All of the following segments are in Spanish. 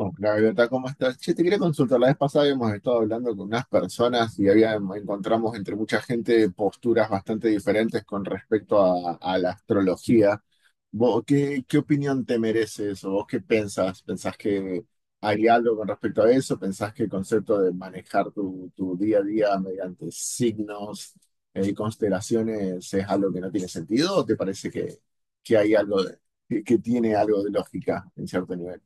Oh, Gaviota, ¿cómo estás? Che, te quería consultar. La vez pasada habíamos estado hablando con unas personas y encontramos entre mucha gente posturas bastante diferentes con respecto a la astrología. ¿Vos qué opinión te merece eso? ¿Vos qué pensás? ¿Pensás que hay algo con respecto a eso? ¿Pensás que el concepto de manejar tu día a día mediante signos y constelaciones es algo que no tiene sentido? ¿O te parece que hay algo de- que tiene algo de lógica en cierto nivel?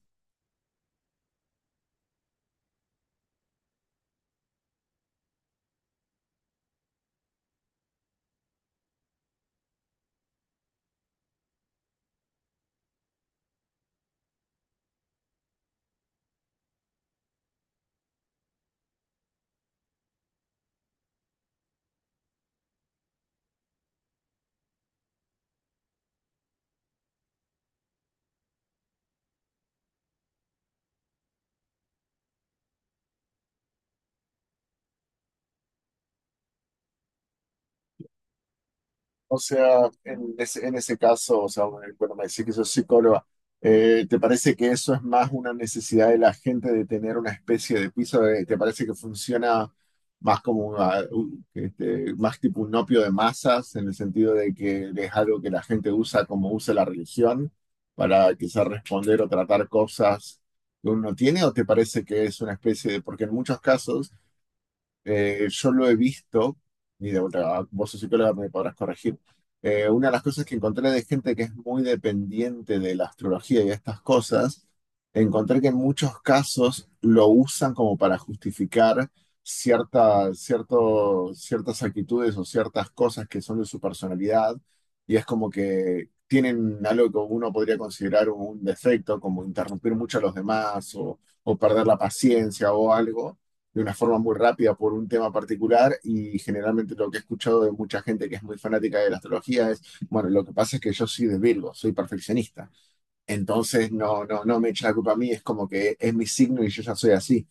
O sea, en ese caso, o sea, bueno, me decís que sos psicóloga. ¿Te parece que eso es más una necesidad de la gente de tener una especie de piso? ¿Te parece que funciona más como más tipo un opio de masas, en el sentido de que es algo que la gente usa como usa la religión para quizás responder o tratar cosas que uno tiene? ¿O te parece que es una especie de, porque en muchos casos? Yo lo he visto, y de vuelta, vos sos psicóloga, me podrás corregir. Una de las cosas que encontré de gente que es muy dependiente de la astrología y estas cosas, encontré que en muchos casos lo usan como para justificar ciertas actitudes o ciertas cosas que son de su personalidad, y es como que tienen algo que uno podría considerar un defecto, como interrumpir mucho a los demás o perder la paciencia o algo de una forma muy rápida por un tema particular. Y generalmente lo que he escuchado de mucha gente que es muy fanática de la astrología es, bueno, lo que pasa es que yo soy de Virgo, soy perfeccionista, entonces no, no, no me echa la culpa a mí, es como que es mi signo y yo ya soy así.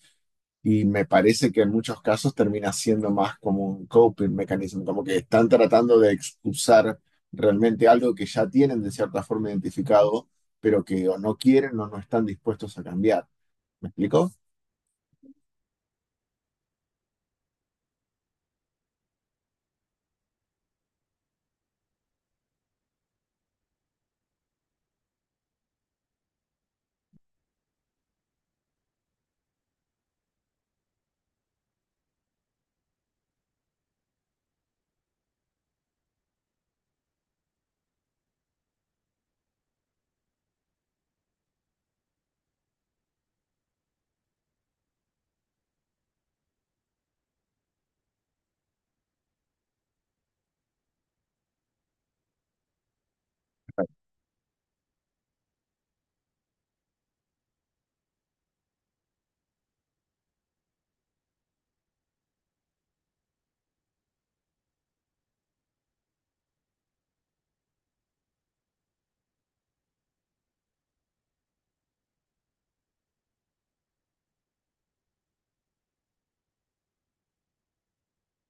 Y me parece que en muchos casos termina siendo más como un coping mecanismo, como que están tratando de excusar realmente algo que ya tienen de cierta forma identificado, pero que o no quieren o no están dispuestos a cambiar. ¿Me explico?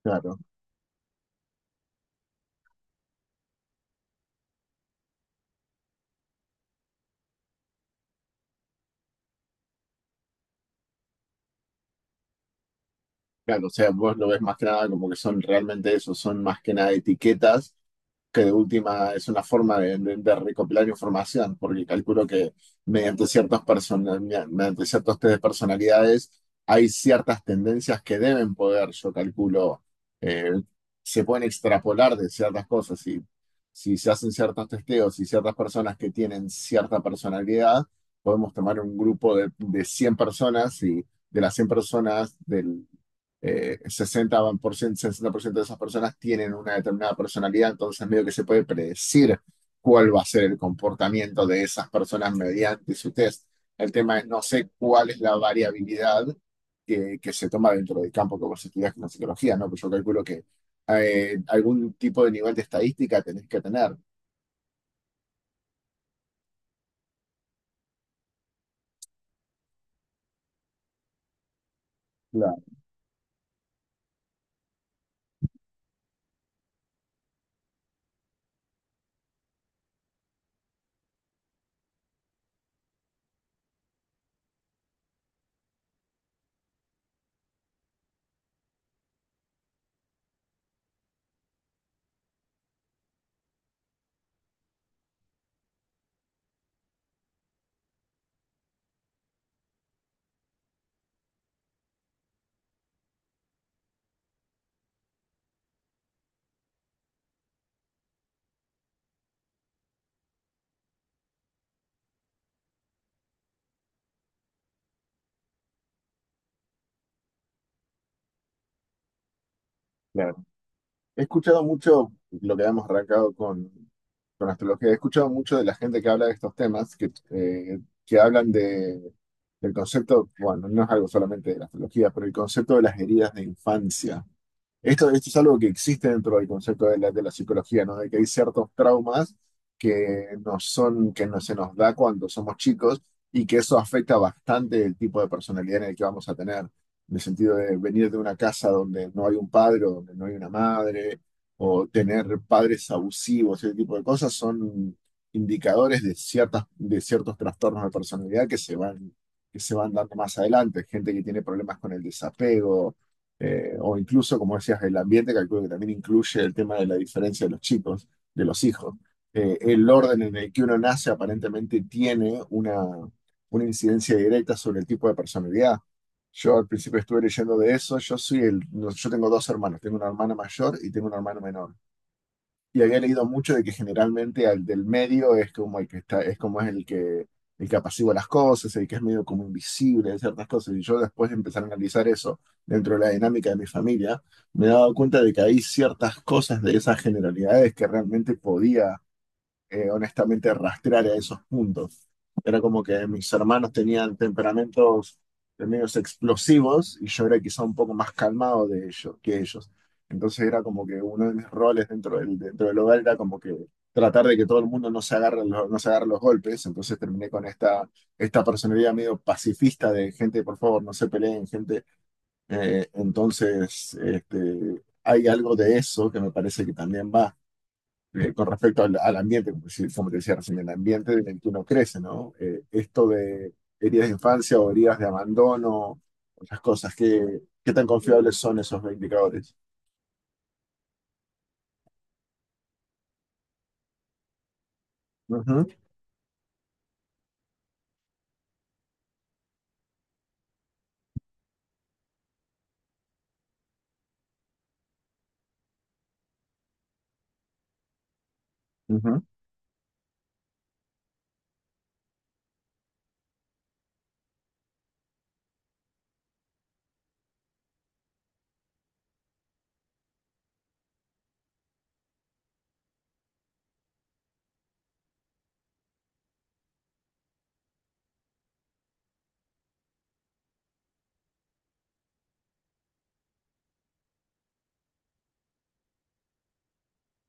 Claro. Claro, o sea, vos lo ves más que nada como que son realmente eso, son más que nada etiquetas, que de última es una forma de recopilar información, porque calculo que mediante ciertos test de personalidades hay ciertas tendencias que deben poder, yo calculo, eh, se pueden extrapolar de ciertas cosas. Y si se hacen ciertos testeos y ciertas personas que tienen cierta personalidad, podemos tomar un grupo de 100 personas, y de las 100 personas del sesenta por ciento de esas personas tienen una determinada personalidad, entonces medio que se puede predecir cuál va a ser el comportamiento de esas personas mediante su test. El tema es, no sé cuál es la variabilidad que se toma dentro del campo que vos estudias con la psicología, ¿no? Pues yo calculo que algún tipo de nivel de estadística tenés que tener. Claro, claro. He escuchado mucho lo que habíamos arrancado con astrología. He escuchado mucho de la gente que habla de estos temas, que hablan de. El concepto, bueno, no es algo solamente de la astrología, pero el concepto de las heridas de infancia. Esto es algo que existe dentro del concepto de la psicología, ¿no? De que hay ciertos traumas que nos son, que no se nos da cuando somos chicos y que eso afecta bastante el tipo de personalidad en el que vamos a tener. En el sentido de venir de una casa donde no hay un padre o donde no hay una madre, o tener padres abusivos, ese tipo de cosas son indicadores de ciertas, de ciertos trastornos de personalidad que se van dando más adelante. Gente que tiene problemas con el desapego, o incluso, como decías, el ambiente, calculo que también incluye el tema de la diferencia de los chicos, de los hijos. El orden en el que uno nace aparentemente tiene una incidencia directa sobre el tipo de personalidad. Yo al principio estuve leyendo de eso. No, yo tengo dos hermanos, tengo una hermana mayor y tengo una hermana menor, y había leído mucho de que generalmente al del medio es como el que está, es como es el que apacigua las cosas, el que es medio como invisible de ciertas cosas. Y yo, después de empezar a analizar eso dentro de la dinámica de mi familia, me he dado cuenta de que hay ciertas cosas de esas generalidades que realmente podía, honestamente, rastrear a esos puntos. Era como que mis hermanos tenían temperamentos de medios explosivos y yo era quizá un poco más calmado que ellos. Entonces era como que uno de mis roles dentro del hogar era como que tratar de que todo el mundo no se agarre, no se agarre los golpes. Entonces terminé con esta personalidad medio pacifista de gente, por favor, no se peleen, gente. Entonces, hay algo de eso que me parece que también va, con respecto al ambiente, como te decía recién, el ambiente en el que uno crece, ¿no? Esto de heridas de infancia o heridas de abandono, otras cosas, qué tan confiables son esos indicadores? Ujú, ujú,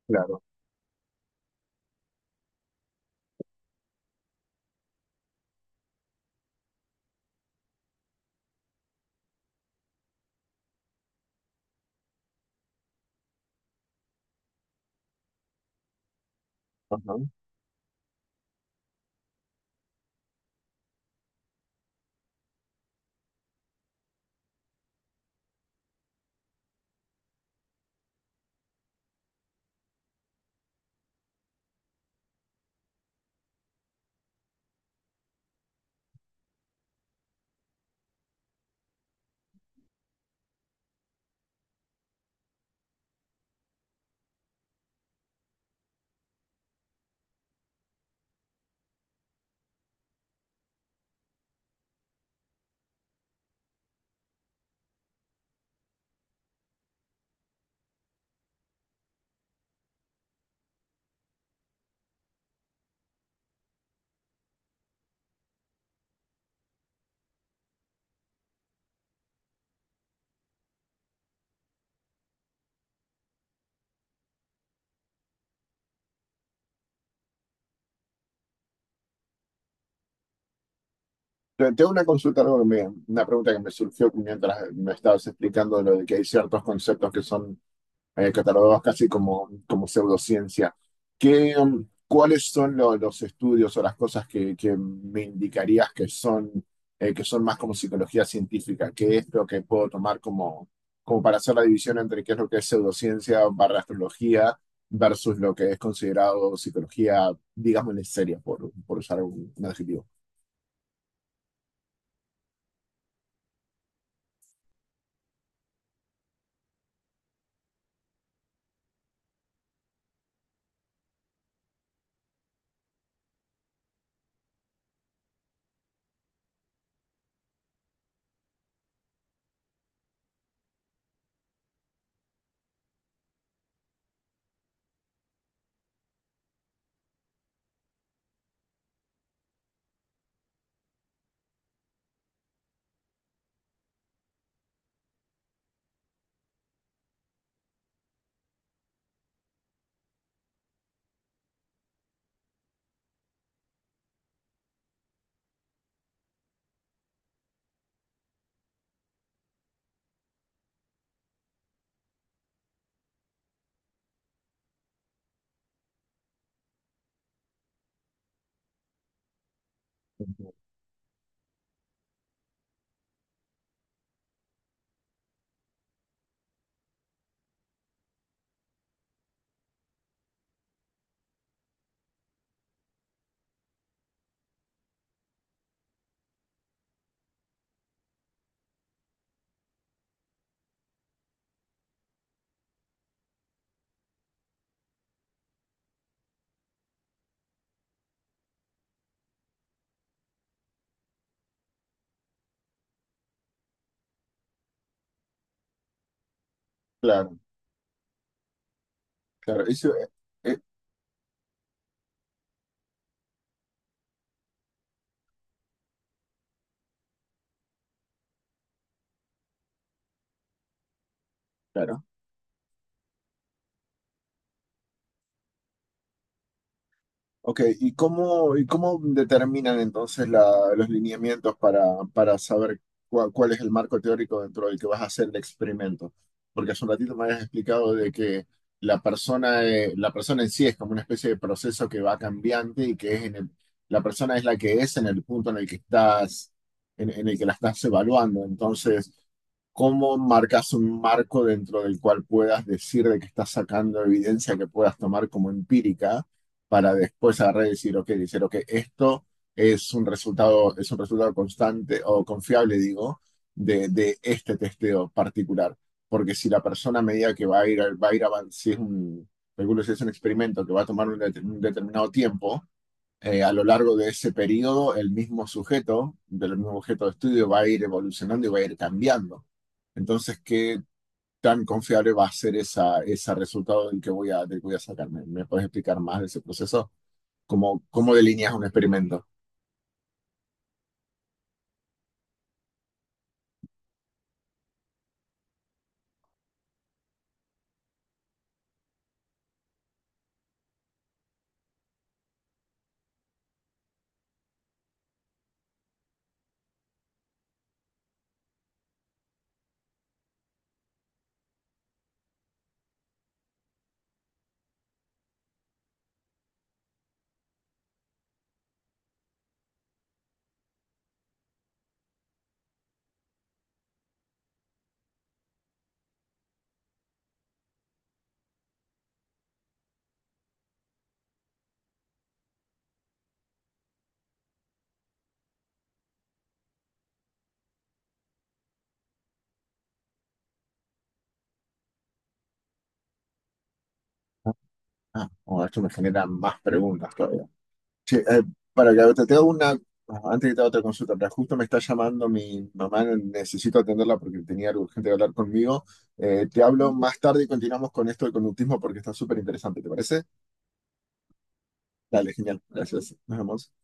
claro. Ajá. Tengo una consulta, algo que una pregunta que me surgió mientras me estabas explicando lo de que hay ciertos conceptos que son, catalogados casi como, pseudociencia. ¿Cuáles son los estudios o las cosas que me indicarías que son más como psicología científica? ¿Qué es lo que puedo tomar como para hacer la división entre qué es lo que es pseudociencia barra astrología versus lo que es considerado psicología, digamos, en seria, por usar un adjetivo? Ujú. Claro, claro. Eso, eh, claro. Ok, ¿y cómo determinan entonces los lineamientos para saber cuál es el marco teórico dentro del que vas a hacer el experimento? Porque hace un ratito me habías explicado de que la persona, en sí, es como una especie de proceso que va cambiante y que es la persona es la que es en el punto en el que estás, en el que la estás evaluando. Entonces, ¿cómo marcas un marco dentro del cual puedas decir de que estás sacando evidencia que puedas tomar como empírica para después agarrar y decir, ok, esto es un resultado constante o confiable, digo, de este testeo particular? Porque si la persona, a medida que va a ir avanzando, si es calculo si es un experimento que va a tomar un determinado tiempo, a lo largo de ese periodo, el mismo sujeto, del mismo objeto de estudio, va a ir evolucionando y va a ir cambiando. Entonces, ¿qué tan confiable va a ser esa, ese resultado del que voy a sacarme? ¿Me puedes explicar más de ese proceso? ¿Cómo delineas un experimento? Ah, bueno, esto me genera más preguntas todavía. Che, para que te haga una, antes que te haga otra consulta, pero justo me está llamando mi mamá, necesito atenderla porque tenía algo urgente de hablar conmigo. Te hablo más tarde y continuamos con esto del conductismo porque está súper interesante, ¿te parece? Dale, genial, gracias. Nos vemos.